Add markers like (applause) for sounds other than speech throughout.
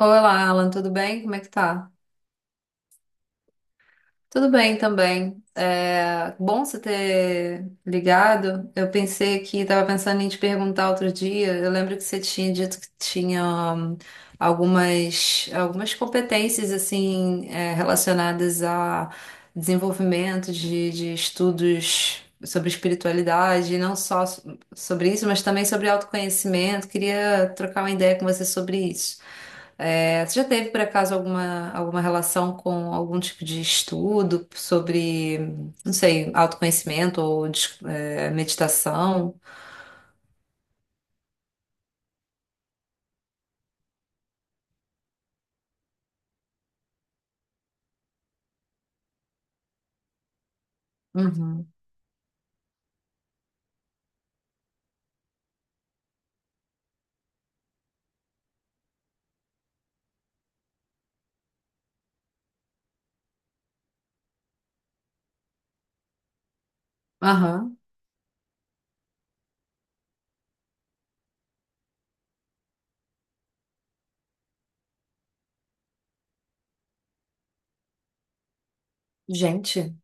Olá, Alan, tudo bem? Como é que tá? Tudo bem também. É bom você ter ligado. Eu pensei que estava pensando em te perguntar outro dia. Eu lembro que você tinha dito que tinha hum, algumas competências assim relacionadas a desenvolvimento de estudos sobre espiritualidade, e não só sobre isso, mas também sobre autoconhecimento. Queria trocar uma ideia com você sobre isso. Você já teve, por acaso, alguma relação com algum tipo de estudo sobre, não sei, autoconhecimento ou meditação? Uhum. Aham. Gente,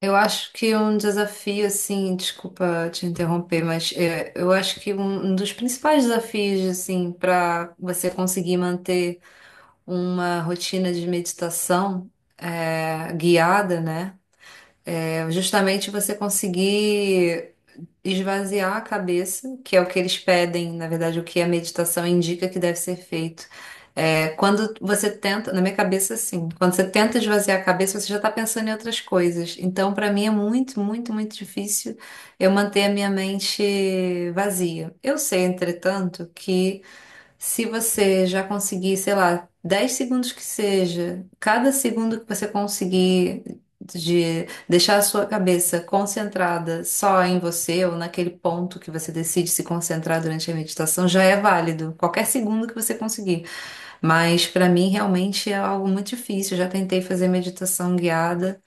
eu acho que um desafio, assim, desculpa te interromper, mas eu acho que um dos principais desafios, assim, para você conseguir manter uma rotina de meditação guiada, né? É justamente você conseguir esvaziar a cabeça, que é o que eles pedem, na verdade, o que a meditação indica que deve ser feito. É, quando você tenta, na minha cabeça, assim, quando você tenta esvaziar a cabeça, você já está pensando em outras coisas. Então, para mim, é muito, muito, muito difícil eu manter a minha mente vazia. Eu sei, entretanto, que se você já conseguir, sei lá, 10 segundos que seja, cada segundo que você conseguir de deixar a sua cabeça concentrada só em você ou naquele ponto que você decide se concentrar durante a meditação, já é válido. Qualquer segundo que você conseguir. Mas para mim realmente é algo muito difícil. Eu já tentei fazer meditação guiada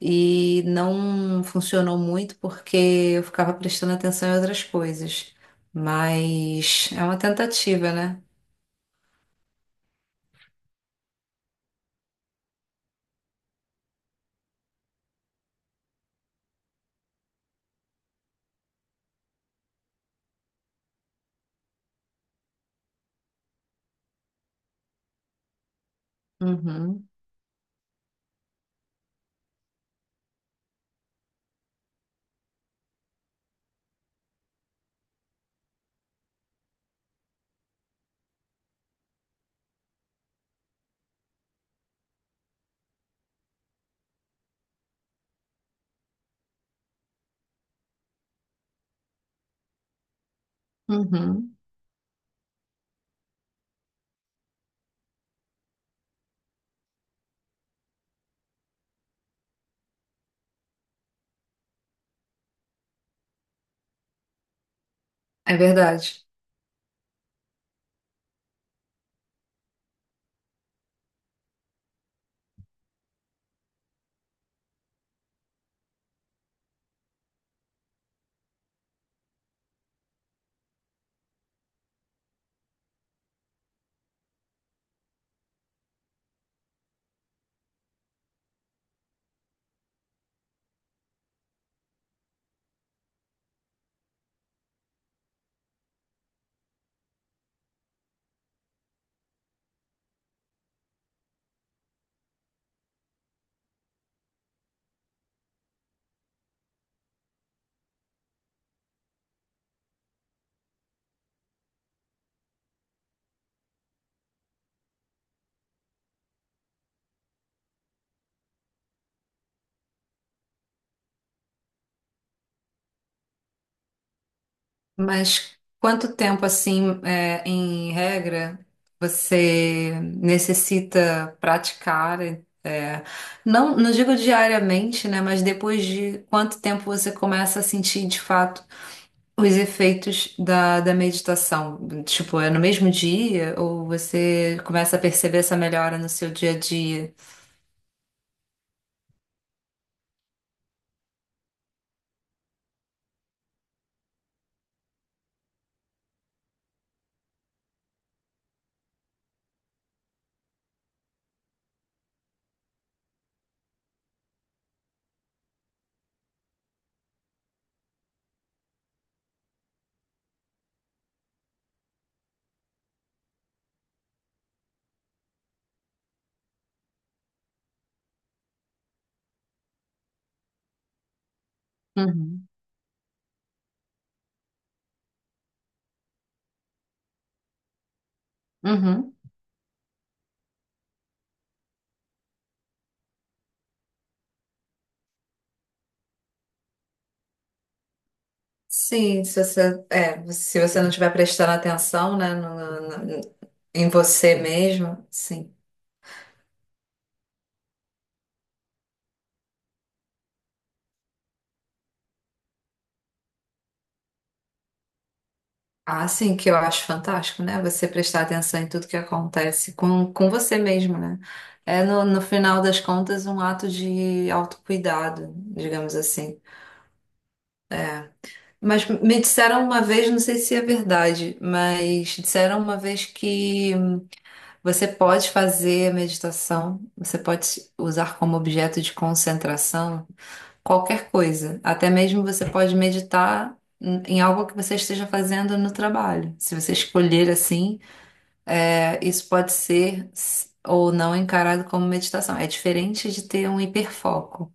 e não funcionou muito porque eu ficava prestando atenção em outras coisas. Mas é uma tentativa, né? Uhum, uhum. É verdade. Mas quanto tempo, assim, em regra, você necessita praticar? é, não, não digo diariamente, né? Mas depois de quanto tempo você começa a sentir, de fato, os efeitos da meditação? Tipo, é no mesmo dia ou você começa a perceber essa melhora no seu dia a dia? Uhum, uhum. Sim, se você, se você não estiver prestando atenção, né, no- em você mesmo, sim. Ah, sim, que eu acho fantástico, né? Você prestar atenção em tudo que acontece com você mesmo, né? É, no, no final das contas, um ato de autocuidado, digamos assim. É. Mas me disseram uma vez, não sei se é verdade, mas disseram uma vez que você pode fazer a meditação, você pode usar como objeto de concentração qualquer coisa. Até mesmo você pode meditar em algo que você esteja fazendo no trabalho. Se você escolher assim, é, isso pode ser ou não encarado como meditação. É diferente de ter um hiperfoco,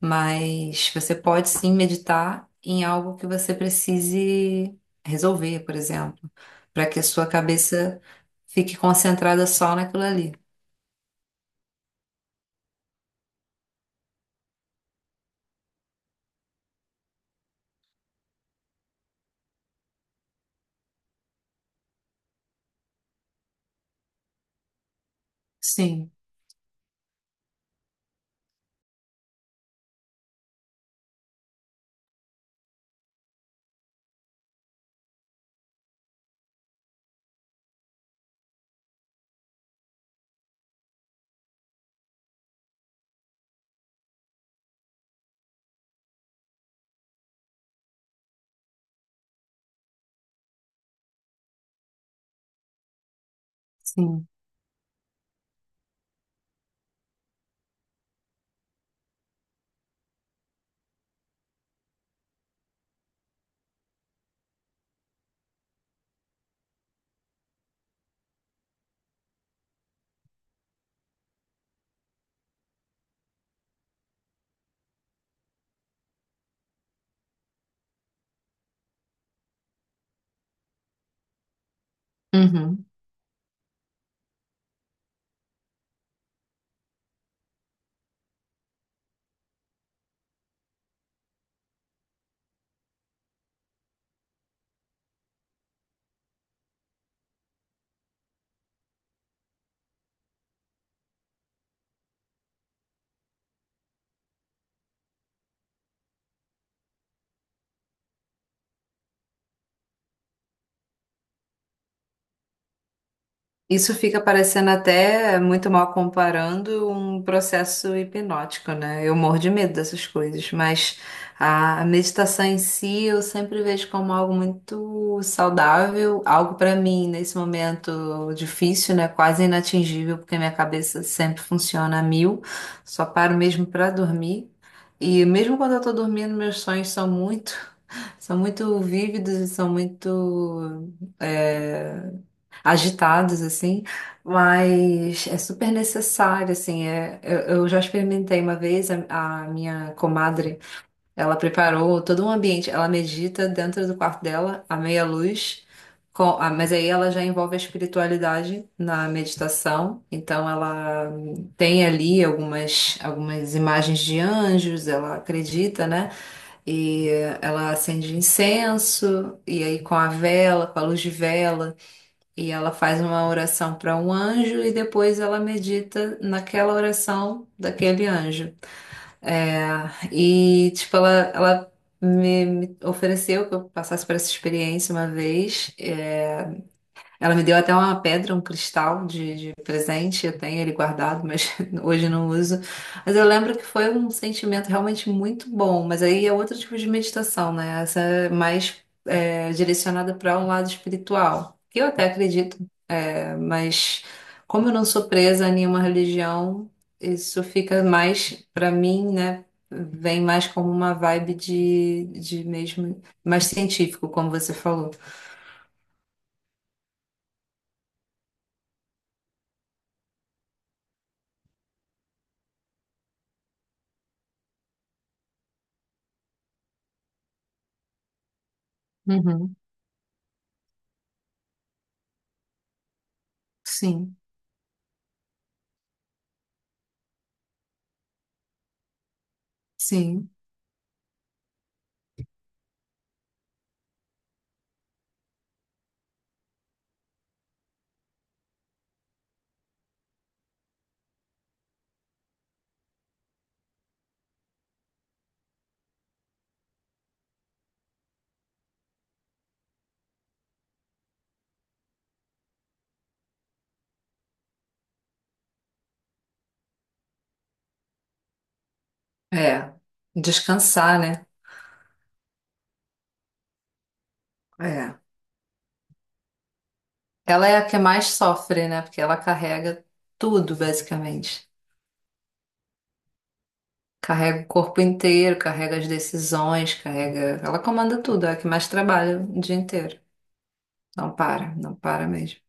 mas você pode sim meditar em algo que você precise resolver, por exemplo, para que a sua cabeça fique concentrada só naquilo ali. Sim, sim. Uhum. Isso fica parecendo até muito mal comparando um processo hipnótico, né? Eu morro de medo dessas coisas, mas a meditação em si eu sempre vejo como algo muito saudável, algo para mim nesse momento difícil, né? Quase inatingível, porque minha cabeça sempre funciona a mil, só paro mesmo para dormir. E mesmo quando eu tô dormindo, meus sonhos são muito, (laughs) são muito vívidos e são muito eh, agitados, assim, mas é super necessário, assim, eu já experimentei uma vez, a minha comadre, ela preparou todo um ambiente, ela medita dentro do quarto dela, à meia luz, com, ah, mas aí ela já envolve a espiritualidade na meditação, então ela tem ali algumas, algumas imagens de anjos, ela acredita, né? E ela acende incenso, e aí com a vela, com a luz de vela, e ela faz uma oração para um anjo e depois ela medita naquela oração daquele anjo. É, e, tipo, ela me ofereceu que eu passasse por essa experiência uma vez. É, ela me deu até uma pedra, um cristal de presente. Eu tenho ele guardado, mas (laughs) hoje não uso. Mas eu lembro que foi um sentimento realmente muito bom. Mas aí é outro tipo de meditação, né? Essa é mais, é, direcionada para um lado espiritual. Que eu até acredito, mas como eu não sou presa a nenhuma religião, isso fica mais, para mim, né? Vem mais como uma vibe de mesmo, mais científico, como você falou. Uhum. Sim, sim. É, descansar, né? É. Ela é a que mais sofre, né? Porque ela carrega tudo, basicamente. Carrega o corpo inteiro, carrega as decisões, carrega. Ela comanda tudo, é a que mais trabalha o dia inteiro. Não para, não para mesmo.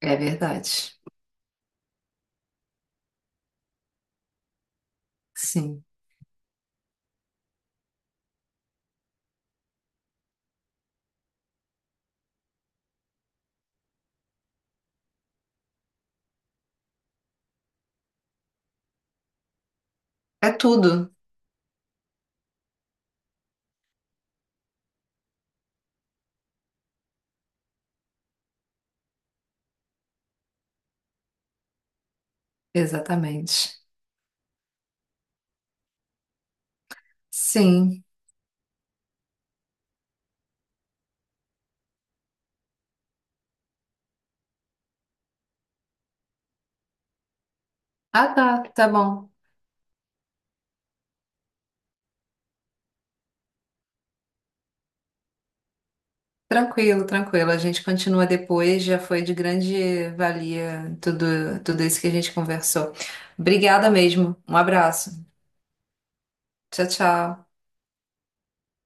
É verdade. Sim. É tudo. Exatamente. Sim. Ah, tá. Tá bom. Tranquilo, tranquilo. A gente continua depois. Já foi de grande valia tudo, tudo isso que a gente conversou. Obrigada mesmo. Um abraço. Tchau, tchau.